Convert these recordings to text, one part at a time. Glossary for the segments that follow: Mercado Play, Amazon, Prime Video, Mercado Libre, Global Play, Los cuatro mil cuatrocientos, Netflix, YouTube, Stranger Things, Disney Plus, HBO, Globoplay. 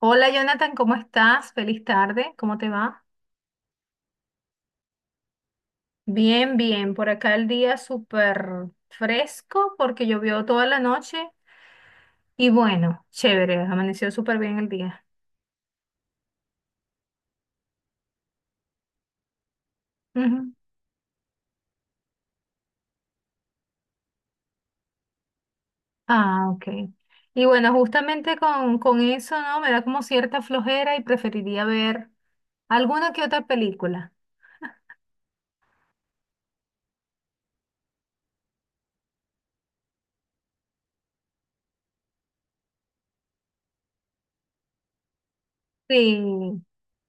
Hola Jonathan, ¿cómo estás? Feliz tarde, ¿cómo te va? Bien, bien, por acá el día súper fresco porque llovió toda la noche y bueno, chévere, amaneció súper bien el día. Ujú. Ah, ok. Y bueno, justamente con eso, ¿no? Me da como cierta flojera y preferiría ver alguna que otra película. Sí.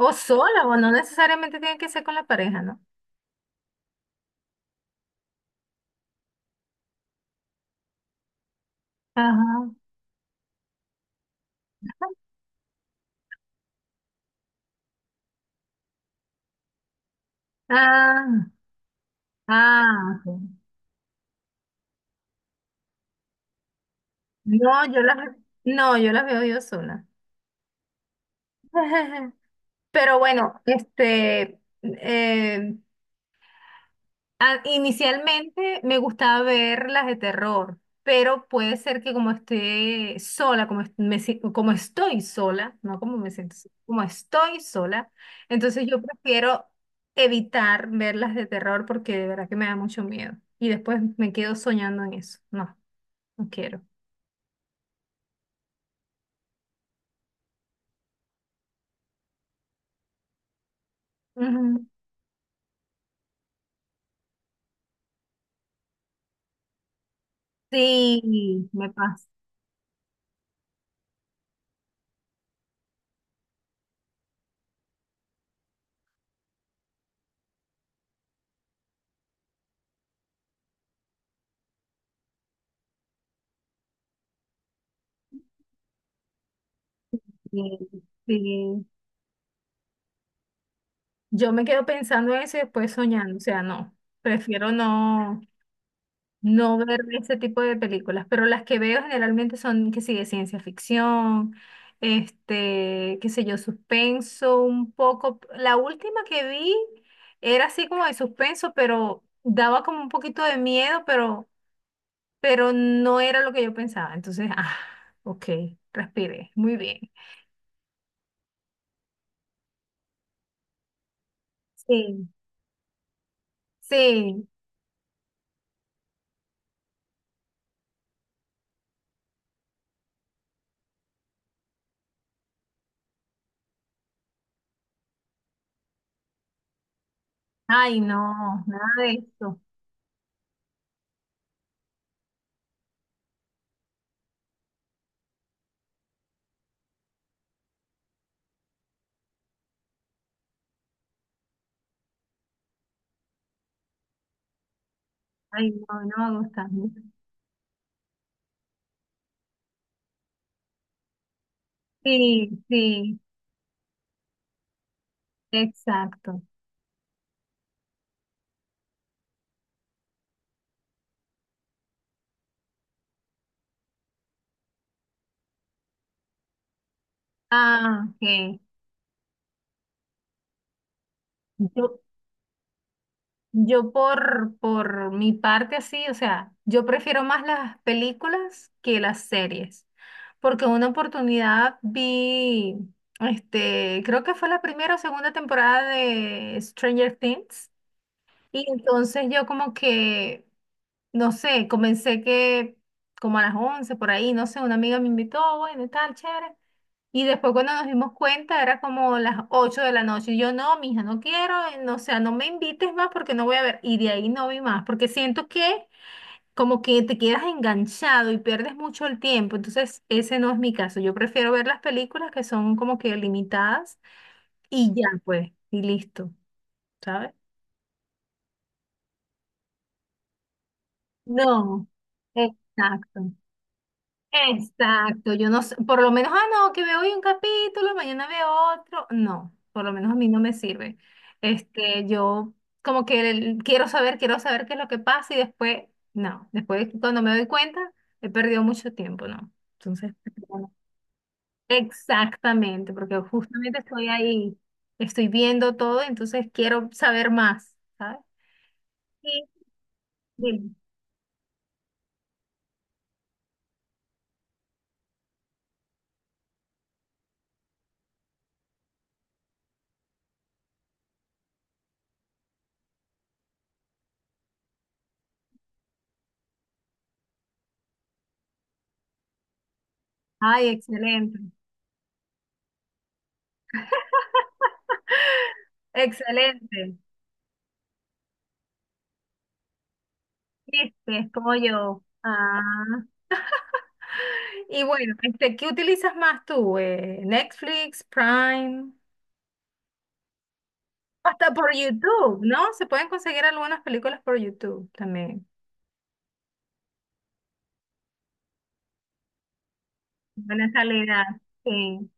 O sola, o no necesariamente tiene que ser con la pareja, ¿no? Ajá. Ah, ah, ok. No, yo las, no, yo las veo yo sola. Pero bueno, este, inicialmente me gustaba ver las de terror, pero puede ser que como esté sola, como, est- me si- como estoy sola, no como me siento, sola, como estoy sola, entonces yo prefiero evitar ver las de terror porque de verdad que me da mucho miedo. Y después me quedo soñando en eso. No, no quiero. Ujú. Sí, me pasa. Y, y yo me quedo pensando en eso y después soñando, o sea, no, prefiero no ver ese tipo de películas, pero las que veo generalmente son que sí, de ciencia ficción, este, qué sé yo, suspenso un poco. La última que vi era así como de suspenso, pero daba como un poquito de miedo, pero no era lo que yo pensaba. Entonces, ah, ok, respiré, muy bien. Sí, sí. Ay, no, nada de eso. Ay, no, no me gusta. Sí, sí, exacto. Ah, ok. Yo, yo por mi parte así, o sea, yo prefiero más las películas que las series, porque una oportunidad vi, este, creo que fue la primera o segunda temporada de Stranger Things, y entonces yo como que, no sé, comencé que como a las 11 por ahí, no sé, una amiga me invitó, bueno, y tal, chévere. Y después cuando nos dimos cuenta era como las 8 de la noche. Y yo, no, mija, no quiero, no, o sea, no me invites más porque no voy a ver. Y de ahí no vi más, porque siento que como que te quedas enganchado y pierdes mucho el tiempo. Entonces, ese no es mi caso. Yo prefiero ver las películas que son como que limitadas y ya, pues, y listo, ¿sabes? No, exacto. Exacto, yo no sé, por lo menos, ah, no, que veo hoy un capítulo, mañana veo otro, no, por lo menos a mí no me sirve. Este, yo como que quiero saber qué es lo que pasa y después, no, después cuando me doy cuenta, he perdido mucho tiempo, ¿no? Entonces, bueno, exactamente, porque justamente estoy ahí, estoy viendo todo, entonces quiero saber más, ¿sabes? Sí, dime. Ay, excelente. Excelente. Este es como yo. Ah. Y bueno, este, ¿qué utilizas más tú? Netflix, Prime, hasta por YouTube, ¿no? Se pueden conseguir algunas películas por YouTube también. Buena calidad. Sí.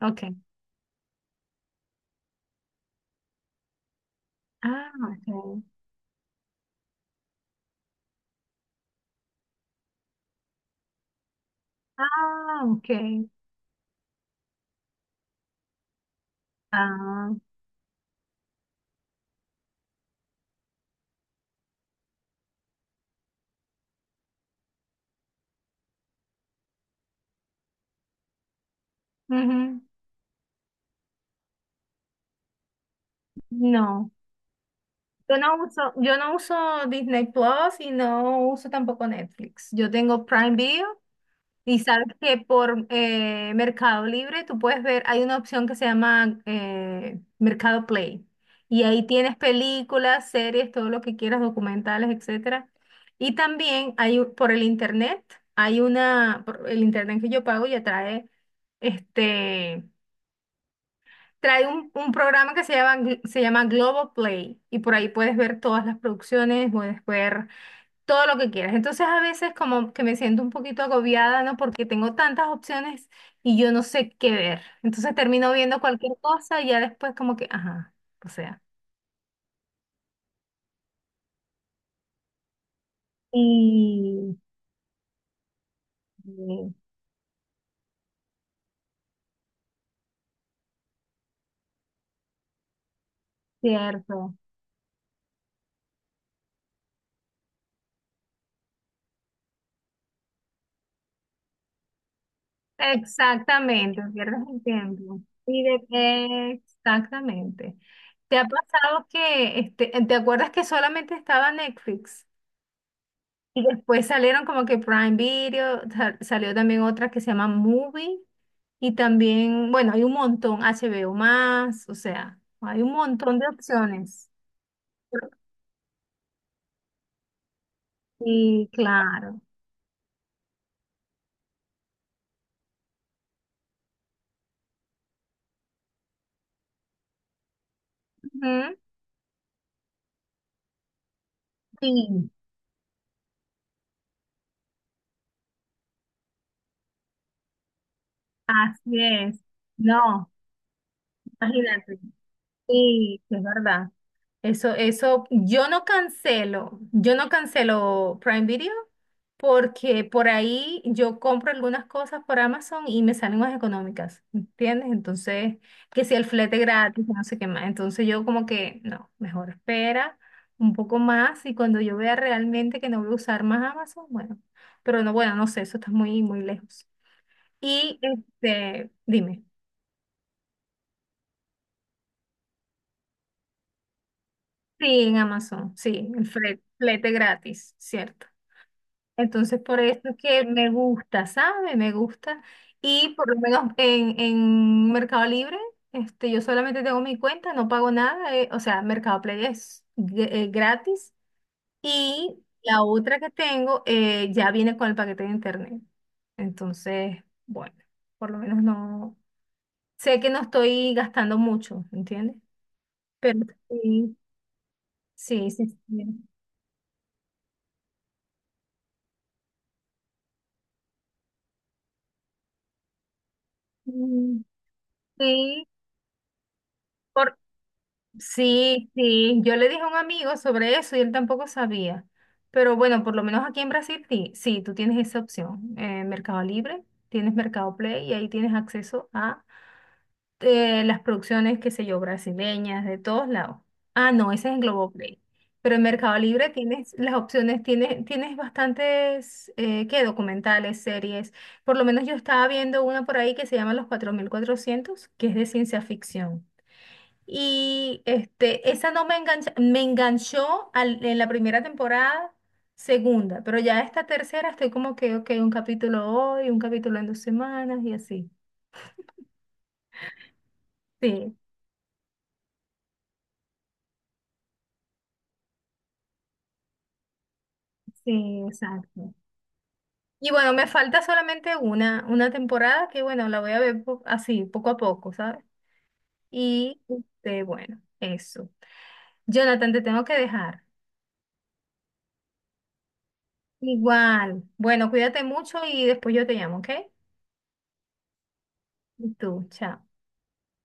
Ok. Ah, ok. Ah, ok. Ah. Ujú. No. Yo no uso Disney Plus y no uso tampoco Netflix. Yo tengo Prime Video y sabes que por Mercado Libre tú puedes ver, hay una opción que se llama Mercado Play y ahí tienes películas, series, todo lo que quieras, documentales, etcétera. Y también hay por el internet, hay una, por el internet que yo pago ya trae este. Trae un programa que se llama, se llama Global Play y por ahí puedes ver todas las producciones, puedes ver todo lo que quieras. Entonces a veces como que me siento un poquito agobiada, ¿no? Porque tengo tantas opciones y yo no sé qué ver. Entonces termino viendo cualquier cosa y ya después como que, ajá, o sea. Y sí, cierto. Exactamente, pierdes el tiempo. Exactamente. ¿Te ha pasado que, este, te acuerdas que solamente estaba Netflix? Y después salieron como que Prime Video, salió también otra que se llama Movie. Y también, bueno, hay un montón, HBO más, o sea, hay un montón de opciones. Sí, claro. Ujú, sí, así es. No, imagínate. Sí, es verdad. Eso, yo no cancelo Prime Video porque por ahí yo compro algunas cosas por Amazon y me salen más económicas, ¿entiendes? Entonces, que si el flete gratis, no sé qué más. Entonces yo como que, no, mejor espera un poco más y cuando yo vea realmente que no voy a usar más Amazon, bueno, pero no, bueno, no sé, eso está muy, muy lejos. Y este, dime. Sí, en Amazon, sí, el flete gratis, ¿cierto? Entonces, por eso es que me gusta, ¿sabe? Me gusta. Y por lo menos en Mercado Libre, este, yo solamente tengo mi cuenta, no pago nada, o sea, Mercado Play es gratis. Y la otra que tengo ya viene con el paquete de internet. Entonces, bueno, por lo menos no, sé que no estoy gastando mucho, ¿entiendes? Pero sí, sí, sí, sí. Mm. Sí, por... sí, sí. Yo le dije a un amigo sobre eso y él tampoco sabía. Pero bueno, por lo menos aquí en Brasil sí, sí, tú tienes esa opción. Mercado Libre, tienes Mercado Play y ahí tienes acceso a las producciones, qué sé yo, brasileñas, de todos lados. Ah, no, ese es en Globoplay. Pero en Mercado Libre tienes las opciones, tienes, tienes bastantes, ¿qué? Documentales, series. Por lo menos yo estaba viendo una por ahí que se llama Los 4400, que es de ciencia ficción. Y este, esa no me engancha, me enganchó en la primera temporada, segunda, pero ya esta tercera estoy como que, ok, un capítulo hoy, un capítulo en 2 semanas y así. Sí, sí, exacto. Y bueno, me falta solamente una temporada que bueno, la voy a ver así, poco a poco, ¿sabes? Y este, bueno, eso. Jonathan, te tengo que dejar. Igual. Bueno, cuídate mucho y después yo te llamo, ¿ok? Y tú, chao.